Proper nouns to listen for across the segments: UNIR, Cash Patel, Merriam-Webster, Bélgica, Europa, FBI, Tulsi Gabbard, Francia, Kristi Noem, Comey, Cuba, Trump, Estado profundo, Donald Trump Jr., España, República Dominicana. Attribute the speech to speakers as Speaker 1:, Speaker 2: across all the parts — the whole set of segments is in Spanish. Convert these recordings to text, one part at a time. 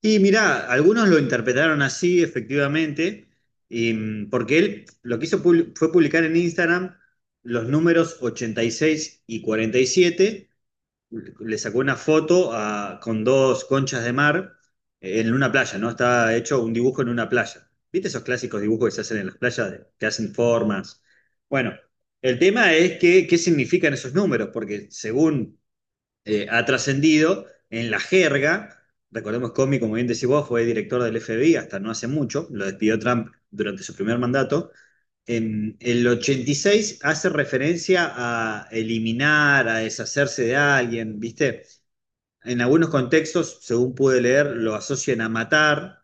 Speaker 1: Y mirá, algunos lo interpretaron así, efectivamente, porque él lo que hizo fue publicar en Instagram los números 86 y 47. Le sacó una foto con dos conchas de mar en una playa, ¿no? Está hecho un dibujo en una playa. ¿Viste esos clásicos dibujos que se hacen en las playas, que hacen formas? Bueno, el tema es que qué significan esos números, porque según ha trascendido en la jerga. Recordemos, Comey, como bien decís vos, fue director del FBI hasta no hace mucho. Lo despidió Trump durante su primer mandato. En el 86 hace referencia a eliminar, a deshacerse de alguien, ¿viste? En algunos contextos, según pude leer, lo asocian a matar.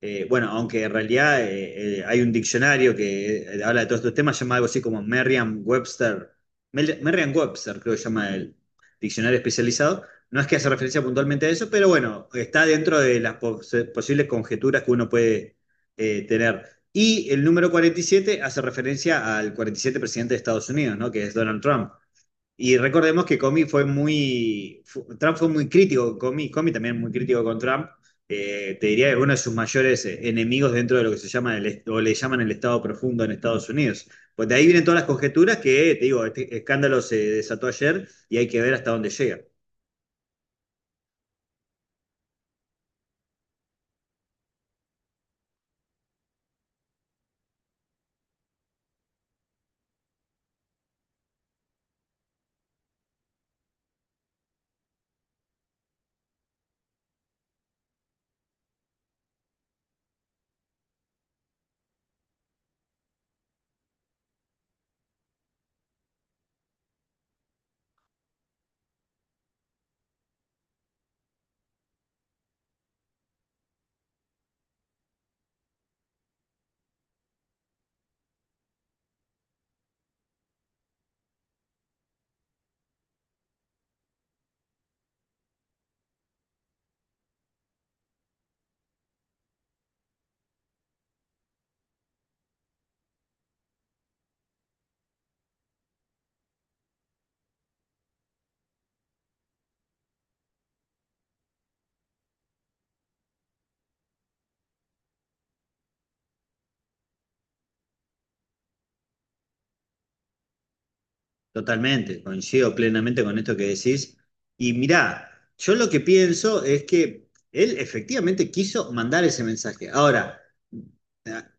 Speaker 1: Bueno, aunque en realidad hay un diccionario que habla de todos estos temas, llama algo así como Merriam-Webster. Merriam-Webster creo que llama el diccionario especializado. No es que hace referencia puntualmente a eso, pero bueno, está dentro de las posibles conjeturas que uno puede tener. Y el número 47 hace referencia al 47 presidente de Estados Unidos, ¿no? Que es Donald Trump. Y recordemos que Comey fue Trump fue muy crítico con Comey, Comey también muy crítico con Trump. Te diría que uno de sus mayores enemigos dentro de lo que se llama o le llaman el Estado profundo en Estados Unidos. Pues de ahí vienen todas las conjeturas que, te digo, este escándalo se desató ayer y hay que ver hasta dónde llega. Totalmente, coincido plenamente con esto que decís. Y mirá, yo lo que pienso es que él efectivamente quiso mandar ese mensaje. Ahora,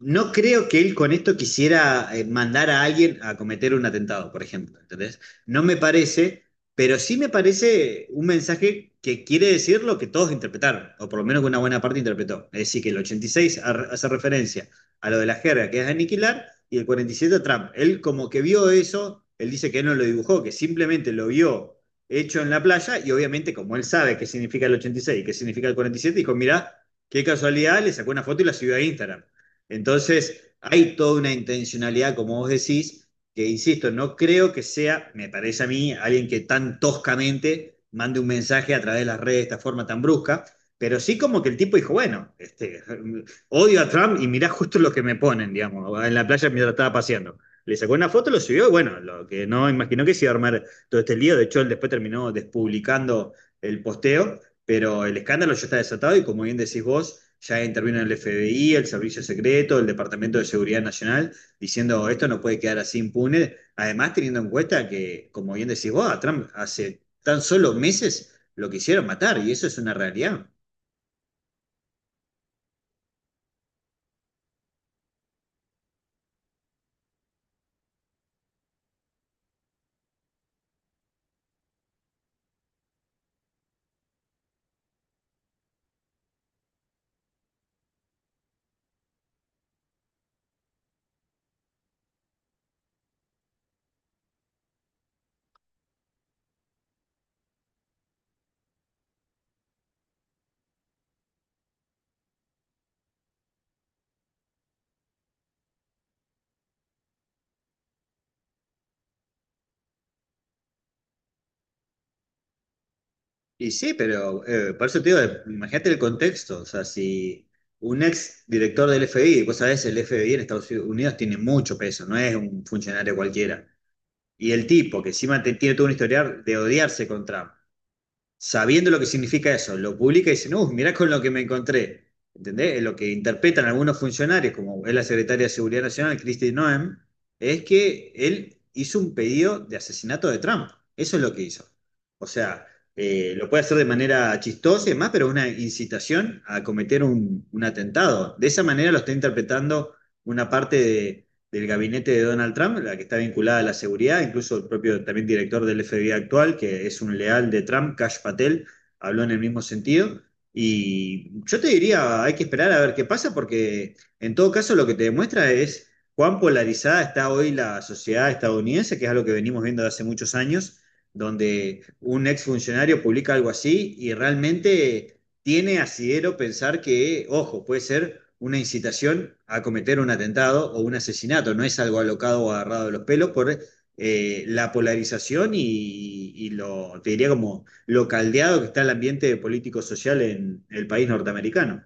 Speaker 1: no creo que él con esto quisiera mandar a alguien a cometer un atentado, por ejemplo. ¿Entendés? No me parece, pero sí me parece un mensaje que quiere decir lo que todos interpretaron, o por lo menos que una buena parte interpretó. Es decir, que el hace referencia a lo de la jerga, que es aniquilar, y el 47 a Trump. Él como que vio eso, él dice que él no lo dibujó, que simplemente lo vio hecho en la playa, y obviamente como él sabe qué significa el 86 y qué significa el 47, dijo, mirá, qué casualidad, le sacó una foto y la subió a Instagram. Entonces, hay toda una intencionalidad, como vos decís, que insisto, no creo que sea, me parece a mí, alguien que tan toscamente mande un mensaje a través de las redes de esta forma tan brusca, pero sí como que el tipo dijo, bueno, este, odio a Trump y mirá justo lo que me ponen, digamos, en la playa mientras estaba paseando. Le sacó una foto, lo subió y bueno, lo que no imaginó que se iba a armar todo este lío. De hecho él después terminó despublicando el posteo, pero el escándalo ya está desatado y, como bien decís vos, ya intervino el FBI, el Servicio Secreto, el Departamento de Seguridad Nacional, diciendo esto no puede quedar así impune. Además, teniendo en cuenta que, como bien decís vos, a Trump hace tan solo meses lo quisieron matar y eso es una realidad. Y sí, pero por eso te digo, imagínate el contexto, o sea, si un ex director del FBI, vos sabés, el FBI en Estados Unidos tiene mucho peso, no es un funcionario cualquiera. Y el tipo, que encima tiene todo un historial de odiarse con Trump, sabiendo lo que significa eso, lo publica y dicen, uff, mirá con lo que me encontré. ¿Entendés? Lo que interpretan algunos funcionarios, como es la secretaria de Seguridad Nacional, Kristi Noem, es que él hizo un pedido de asesinato de Trump. Eso es lo que hizo. O sea, lo puede hacer de manera chistosa y demás, pero es una incitación a cometer un atentado. De esa manera lo está interpretando una parte de del gabinete de Donald Trump, la que está vinculada a la seguridad, incluso el propio también director del FBI actual, que es un leal de Trump, Cash Patel, habló en el mismo sentido. Y yo te diría, hay que esperar a ver qué pasa, porque en todo caso lo que te demuestra es cuán polarizada está hoy la sociedad estadounidense, que es algo que venimos viendo de hace muchos años, donde un exfuncionario publica algo así y realmente tiene asidero pensar que, ojo, puede ser una incitación a cometer un atentado o un asesinato, no es algo alocado o agarrado de los pelos por la polarización y lo, te diría como lo caldeado que está el ambiente político-social en el país norteamericano.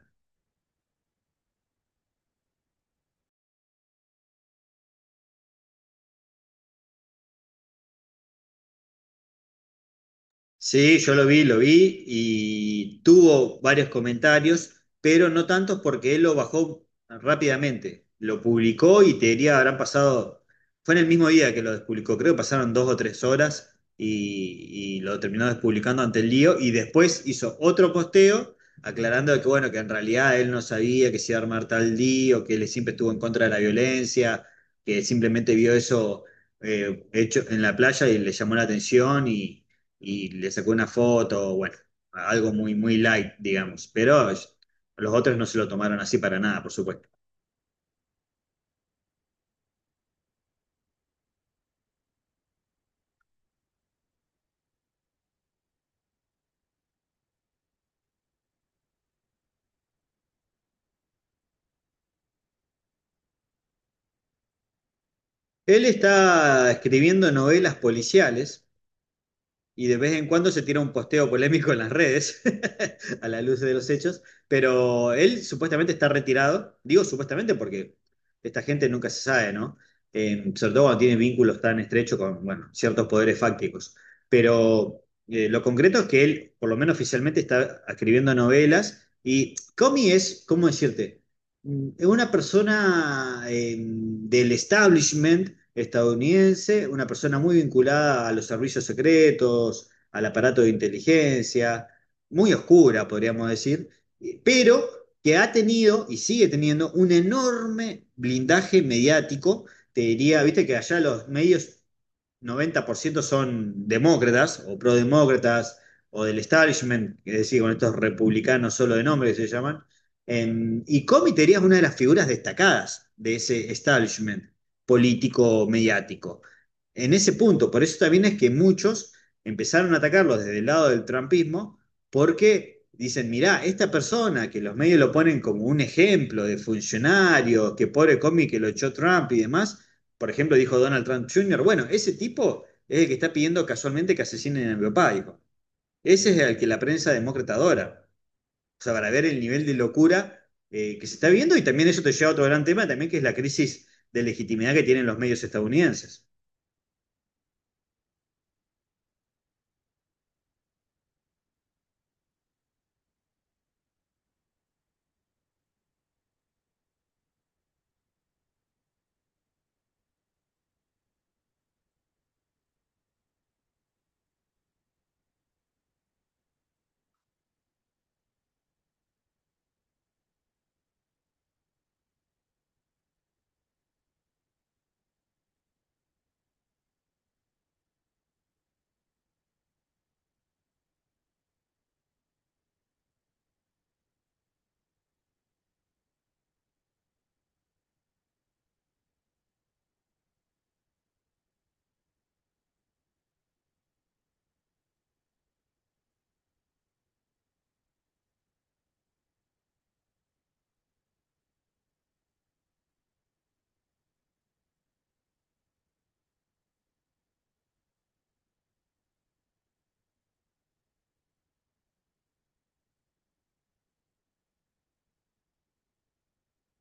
Speaker 1: Sí, yo lo vi y tuvo varios comentarios, pero no tantos porque él lo bajó rápidamente. Lo publicó y te diría, habrán pasado, fue en el mismo día que lo publicó, creo que pasaron dos o tres horas y lo terminó despublicando ante el lío y después hizo otro posteo aclarando que bueno, que en realidad él no sabía que se iba a armar tal lío, que él siempre estuvo en contra de la violencia, que simplemente vio eso hecho en la playa y le llamó la atención y le sacó una foto. Bueno, algo muy, muy light, digamos, pero los otros no se lo tomaron así para nada, por supuesto. Él está escribiendo novelas policiales, y de vez en cuando se tira un posteo polémico en las redes, a la luz de los hechos, pero él supuestamente está retirado. Digo supuestamente porque esta gente nunca se sabe, ¿no? Sobre todo cuando tiene vínculos tan estrechos con, bueno, ciertos poderes fácticos, pero lo concreto es que él, por lo menos oficialmente, está escribiendo novelas. Y Comi es, ¿cómo decirte? Es una persona del establishment estadounidense, una persona muy vinculada a los servicios secretos, al aparato de inteligencia, muy oscura, podríamos decir, pero que ha tenido y sigue teniendo un enorme blindaje mediático. Te diría, viste que allá los medios 90% son demócratas o prodemócratas o del establishment, es decir, con estos republicanos solo de nombre que se llaman. Y Comitería es una de las figuras destacadas de ese establishment político-mediático. En ese punto, por eso también es que muchos empezaron a atacarlo desde el lado del trumpismo, porque dicen, mirá, esta persona que los medios lo ponen como un ejemplo de funcionario, que pobre Comi que lo echó Trump y demás, por ejemplo, dijo Donald Trump Jr., bueno, ese tipo es el que está pidiendo casualmente que asesinen a mi papá, dijo. Ese es el que la prensa demócrata adora. O sea, para ver el nivel de locura que se está viviendo, y también eso te lleva a otro gran tema también, que es la crisis de legitimidad que tienen los medios estadounidenses.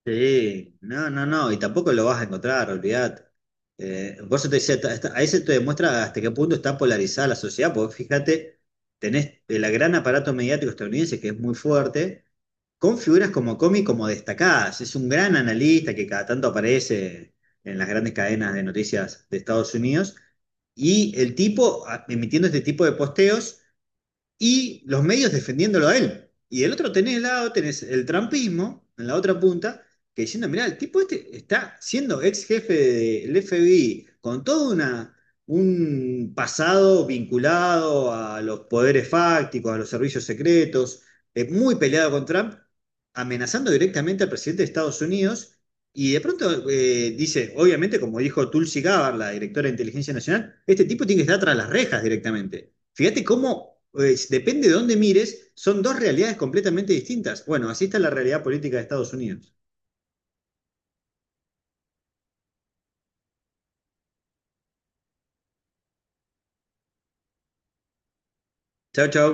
Speaker 1: Sí, no, no, no, y tampoco lo vas a encontrar, olvídate. Por eso te decía, ahí se te demuestra hasta qué punto está polarizada la sociedad, porque fíjate, tenés el gran aparato mediático estadounidense que es muy fuerte, con figuras como Comi como destacadas. Es un gran analista que cada tanto aparece en las grandes cadenas de noticias de Estados Unidos. Y el tipo, emitiendo este tipo de posteos, y los medios defendiéndolo a él. Y del otro tenés lado, tenés el trampismo, en la otra punta, que diciendo, mirá, el tipo este está siendo ex jefe del FBI, con todo una, un pasado vinculado a los poderes fácticos, a los servicios secretos, muy peleado con Trump, amenazando directamente al presidente de Estados Unidos. Y de pronto dice, obviamente, como dijo Tulsi Gabbard, la directora de Inteligencia Nacional, este tipo tiene que estar tras las rejas directamente. Fíjate cómo, depende de dónde mires, son dos realidades completamente distintas. Bueno, así está la realidad política de Estados Unidos. Chau, chau.